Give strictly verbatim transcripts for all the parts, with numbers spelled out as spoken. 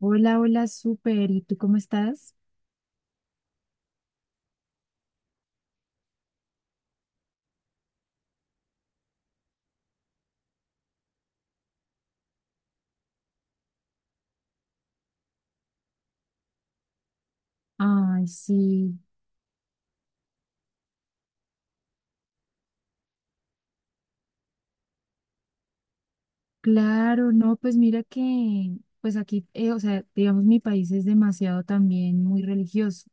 Hola, hola, súper. ¿Y tú cómo estás? Ay, sí, claro, no, pues mira que, pues aquí, eh, o sea, digamos, mi país es demasiado también muy religioso.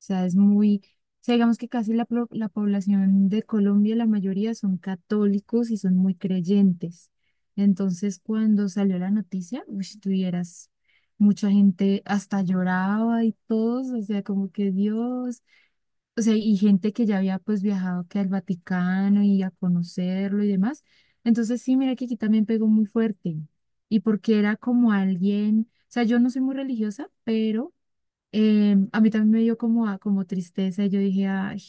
O sea, es muy, o sea, digamos que casi la, pro- la población de Colombia, la mayoría son católicos y son muy creyentes. Entonces, cuando salió la noticia, uy, tuvieras mucha gente hasta lloraba y todos, o sea, como que Dios, o sea, y gente que ya había pues viajado que al Vaticano y a conocerlo y demás. Entonces sí, mira que aquí también pegó muy fuerte. Y porque era como alguien, o sea, yo no soy muy religiosa, pero eh, a mí también me dio como, a- como tristeza. Y yo dije, ay,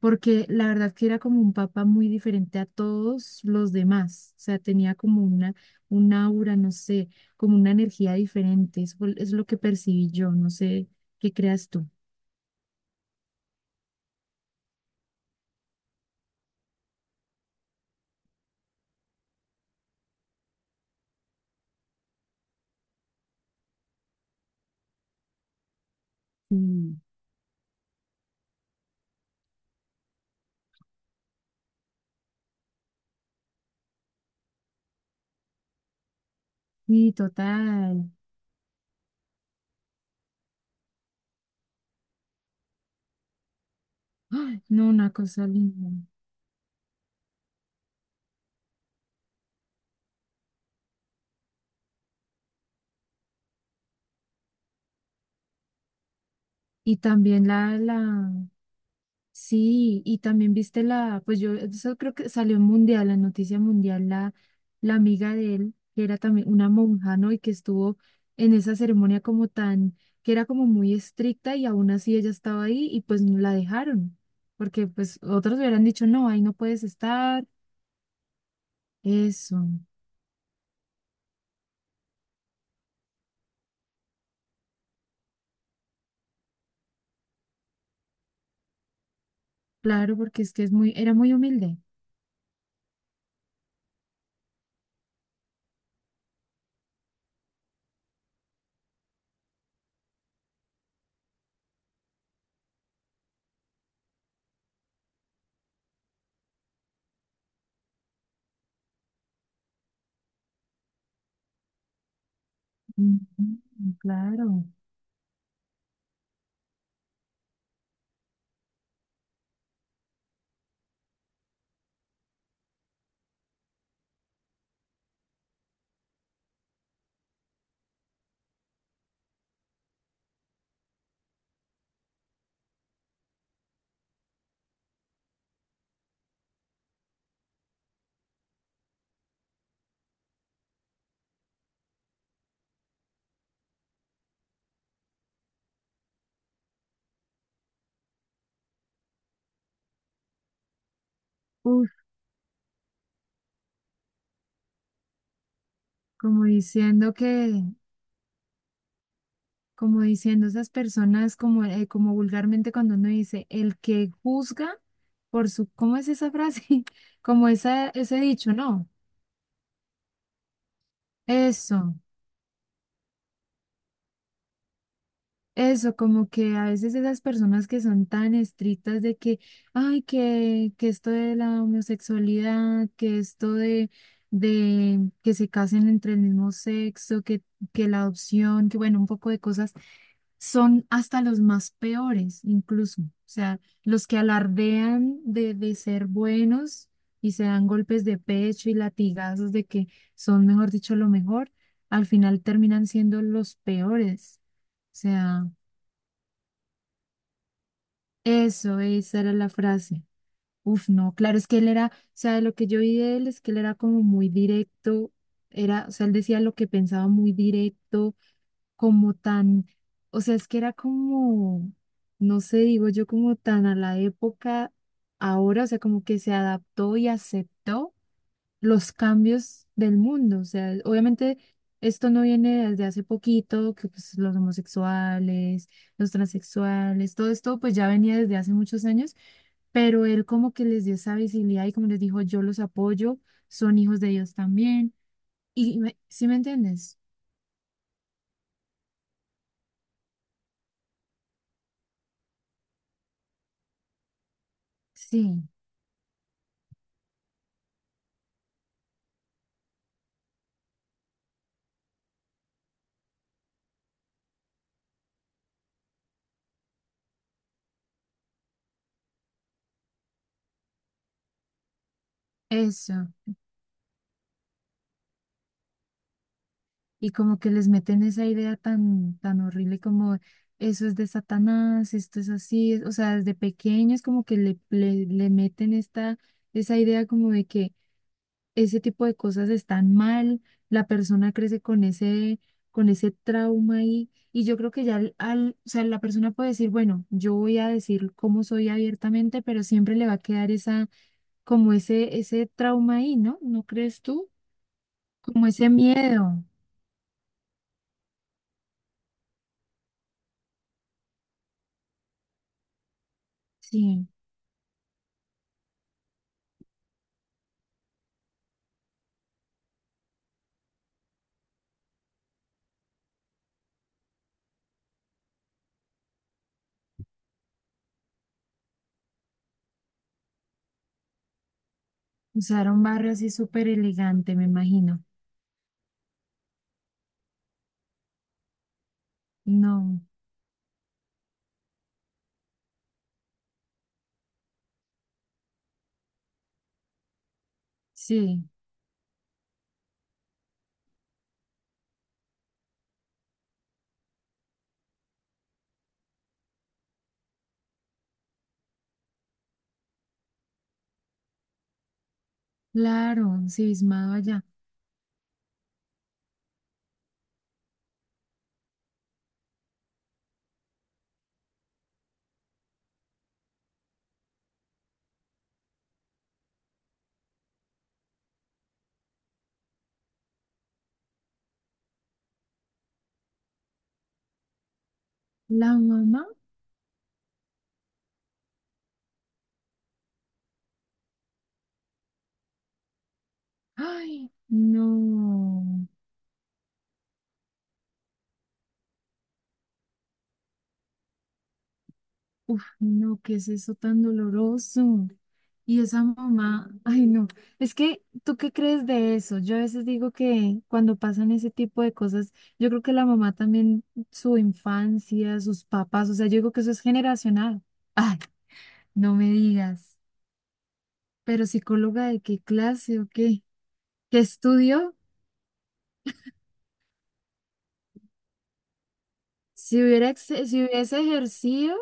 porque la verdad que era como un papa muy diferente a todos los demás. O sea, tenía como una, un aura, no sé, como una energía diferente. Eso fue- es lo que percibí yo, no sé qué creas tú. Mm. Sí, total. Ay, no, una cosa linda. Y también la, la, sí, y también viste la, pues yo, eso creo que salió en Mundial, la noticia mundial, la, la amiga de él, que era también una monja, ¿no? Y que estuvo en esa ceremonia como tan, que era como muy estricta y aún así ella estaba ahí y pues no la dejaron, porque pues otros hubieran dicho, no, ahí no puedes estar, eso, claro, porque es que es muy, era muy humilde. Ujú. Claro. Uf, como diciendo que, como diciendo esas personas, como, eh, como vulgarmente cuando uno dice, el que juzga por su, ¿cómo es esa frase? Como esa, ese dicho, ¿no? Eso, eso, como que a veces esas personas que son tan estrictas de que, ay, que, que esto de la homosexualidad, que esto de, de que se casen entre el mismo sexo, que, que la adopción, que bueno, un poco de cosas son hasta los más peores, incluso. O sea, los que alardean de, de ser buenos y se dan golpes de pecho y latigazos de que son, mejor dicho, lo mejor, al final terminan siendo los peores. O sea, eso, esa era la frase. Uf, no, claro, es que él era, o sea, de lo que yo vi de él es que él era como muy directo, era, o sea, él decía lo que pensaba muy directo como tan, o sea, es que era como, no sé, digo yo, como tan a la época ahora, o sea, como que se adaptó y aceptó los cambios del mundo. O sea, obviamente esto no viene desde hace poquito, que pues los homosexuales, los transexuales, todo esto pues ya venía desde hace muchos años, pero él como que les dio esa visibilidad y como les dijo, yo los apoyo, son hijos de Dios también. Y me- ¿sí me entiendes? Sí, eso. Y como que les meten esa idea tan, tan horrible como eso es de Satanás, esto es así, es- o sea, desde pequeños como que le, le, le meten esta, esa idea como de que ese tipo de cosas están mal, la persona crece con ese, con ese trauma ahí, y yo creo que ya al, al- o sea, la persona puede decir, bueno, yo voy a decir cómo soy abiertamente, pero siempre le va a quedar esa, como ese, ese trauma ahí, ¿no? ¿No crees tú? Como ese miedo, sí. Usaron un barrio así súper elegante, me imagino. No, sí, claro, cismado allá. La mamá, ay, no, uf, no, ¿qué es eso tan doloroso? Y esa mamá, ay, no, es que, ¿tú qué crees de eso? Yo a veces digo que cuando pasan ese tipo de cosas, yo creo que la mamá también, su infancia, sus papás, o sea, yo digo que eso es generacional. Ay, no me digas, ¿pero psicóloga de qué clase o qué? ¿Qué estudio? Si hubiera, ex- si hubiese ejercido,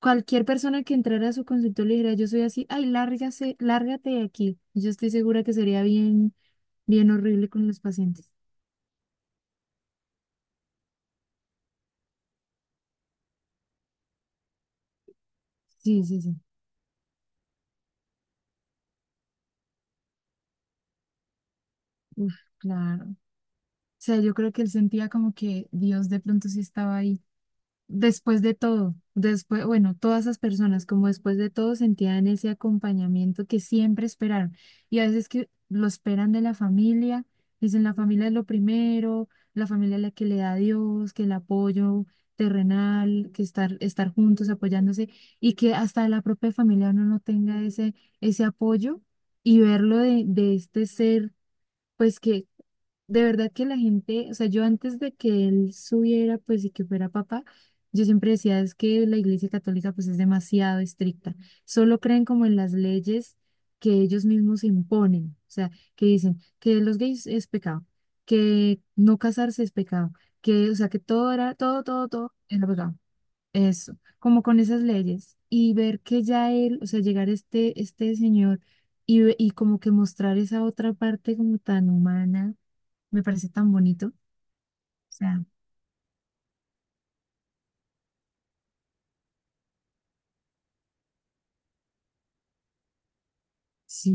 cualquier persona que entrara a su consultorio le dijera, yo soy así, ay, lárgase, lárgate de aquí. Yo estoy segura que sería bien, bien horrible con los pacientes. Sí, sí, sí. Uf, claro. O sea, yo creo que él sentía como que Dios de pronto sí estaba ahí. Después de todo, después, bueno, todas esas personas, como después de todo, sentían ese acompañamiento que siempre esperaron. Y a veces que lo esperan de la familia, dicen la familia es lo primero, la familia es la que le da a Dios, que el apoyo terrenal, que estar, estar juntos, apoyándose, y que hasta la propia familia uno no tenga ese, ese apoyo y verlo de, de este ser. Pues que de verdad que la gente, o sea, yo antes de que él subiera, pues y que fuera papá, yo siempre decía, es que la Iglesia Católica pues es demasiado estricta. Solo creen como en las leyes que ellos mismos imponen, o sea, que dicen que los gays es pecado, que no casarse es pecado, que, o sea, que todo era, todo, todo, todo era pecado. Eso, como con esas leyes y ver que ya él, o sea, llegar este, este señor y, ve- y como que mostrar esa otra parte como tan humana, me parece tan bonito. O sea, sí,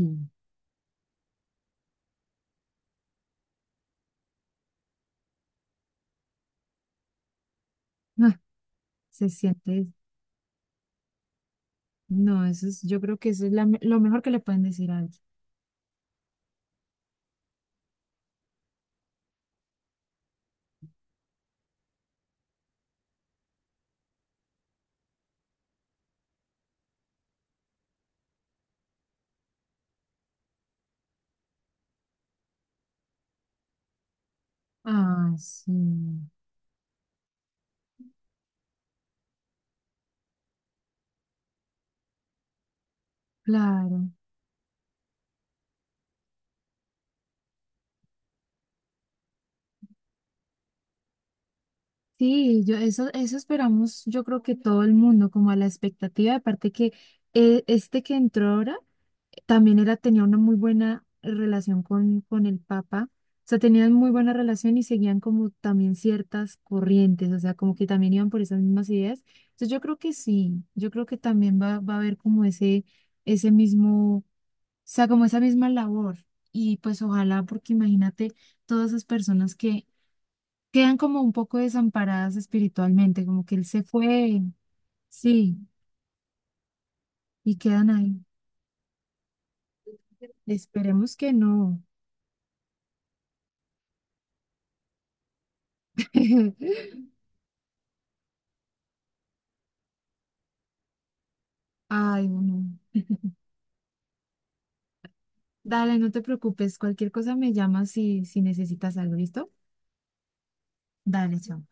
ah, se siente, no, eso es, yo creo que eso es la me- lo mejor que le pueden decir a alguien. Ah, sí, claro. Sí, yo eso, eso esperamos, yo creo que todo el mundo, como a la expectativa, aparte que eh, este que entró ahora también era, tenía una muy buena relación con, con el Papa, o sea, tenían muy buena relación y seguían como también ciertas corrientes, o sea, como que también iban por esas mismas ideas. Entonces yo creo que sí, yo creo que también va, va a haber como ese, ese mismo, o sea, como esa misma labor. Y pues ojalá, porque imagínate todas esas personas que quedan como un poco desamparadas espiritualmente, como que él se fue, sí, y quedan ahí. Esperemos que no. Ay, no. Dale, no te preocupes, cualquier cosa me llamas si, si necesitas algo, ¿listo? Dale, chao.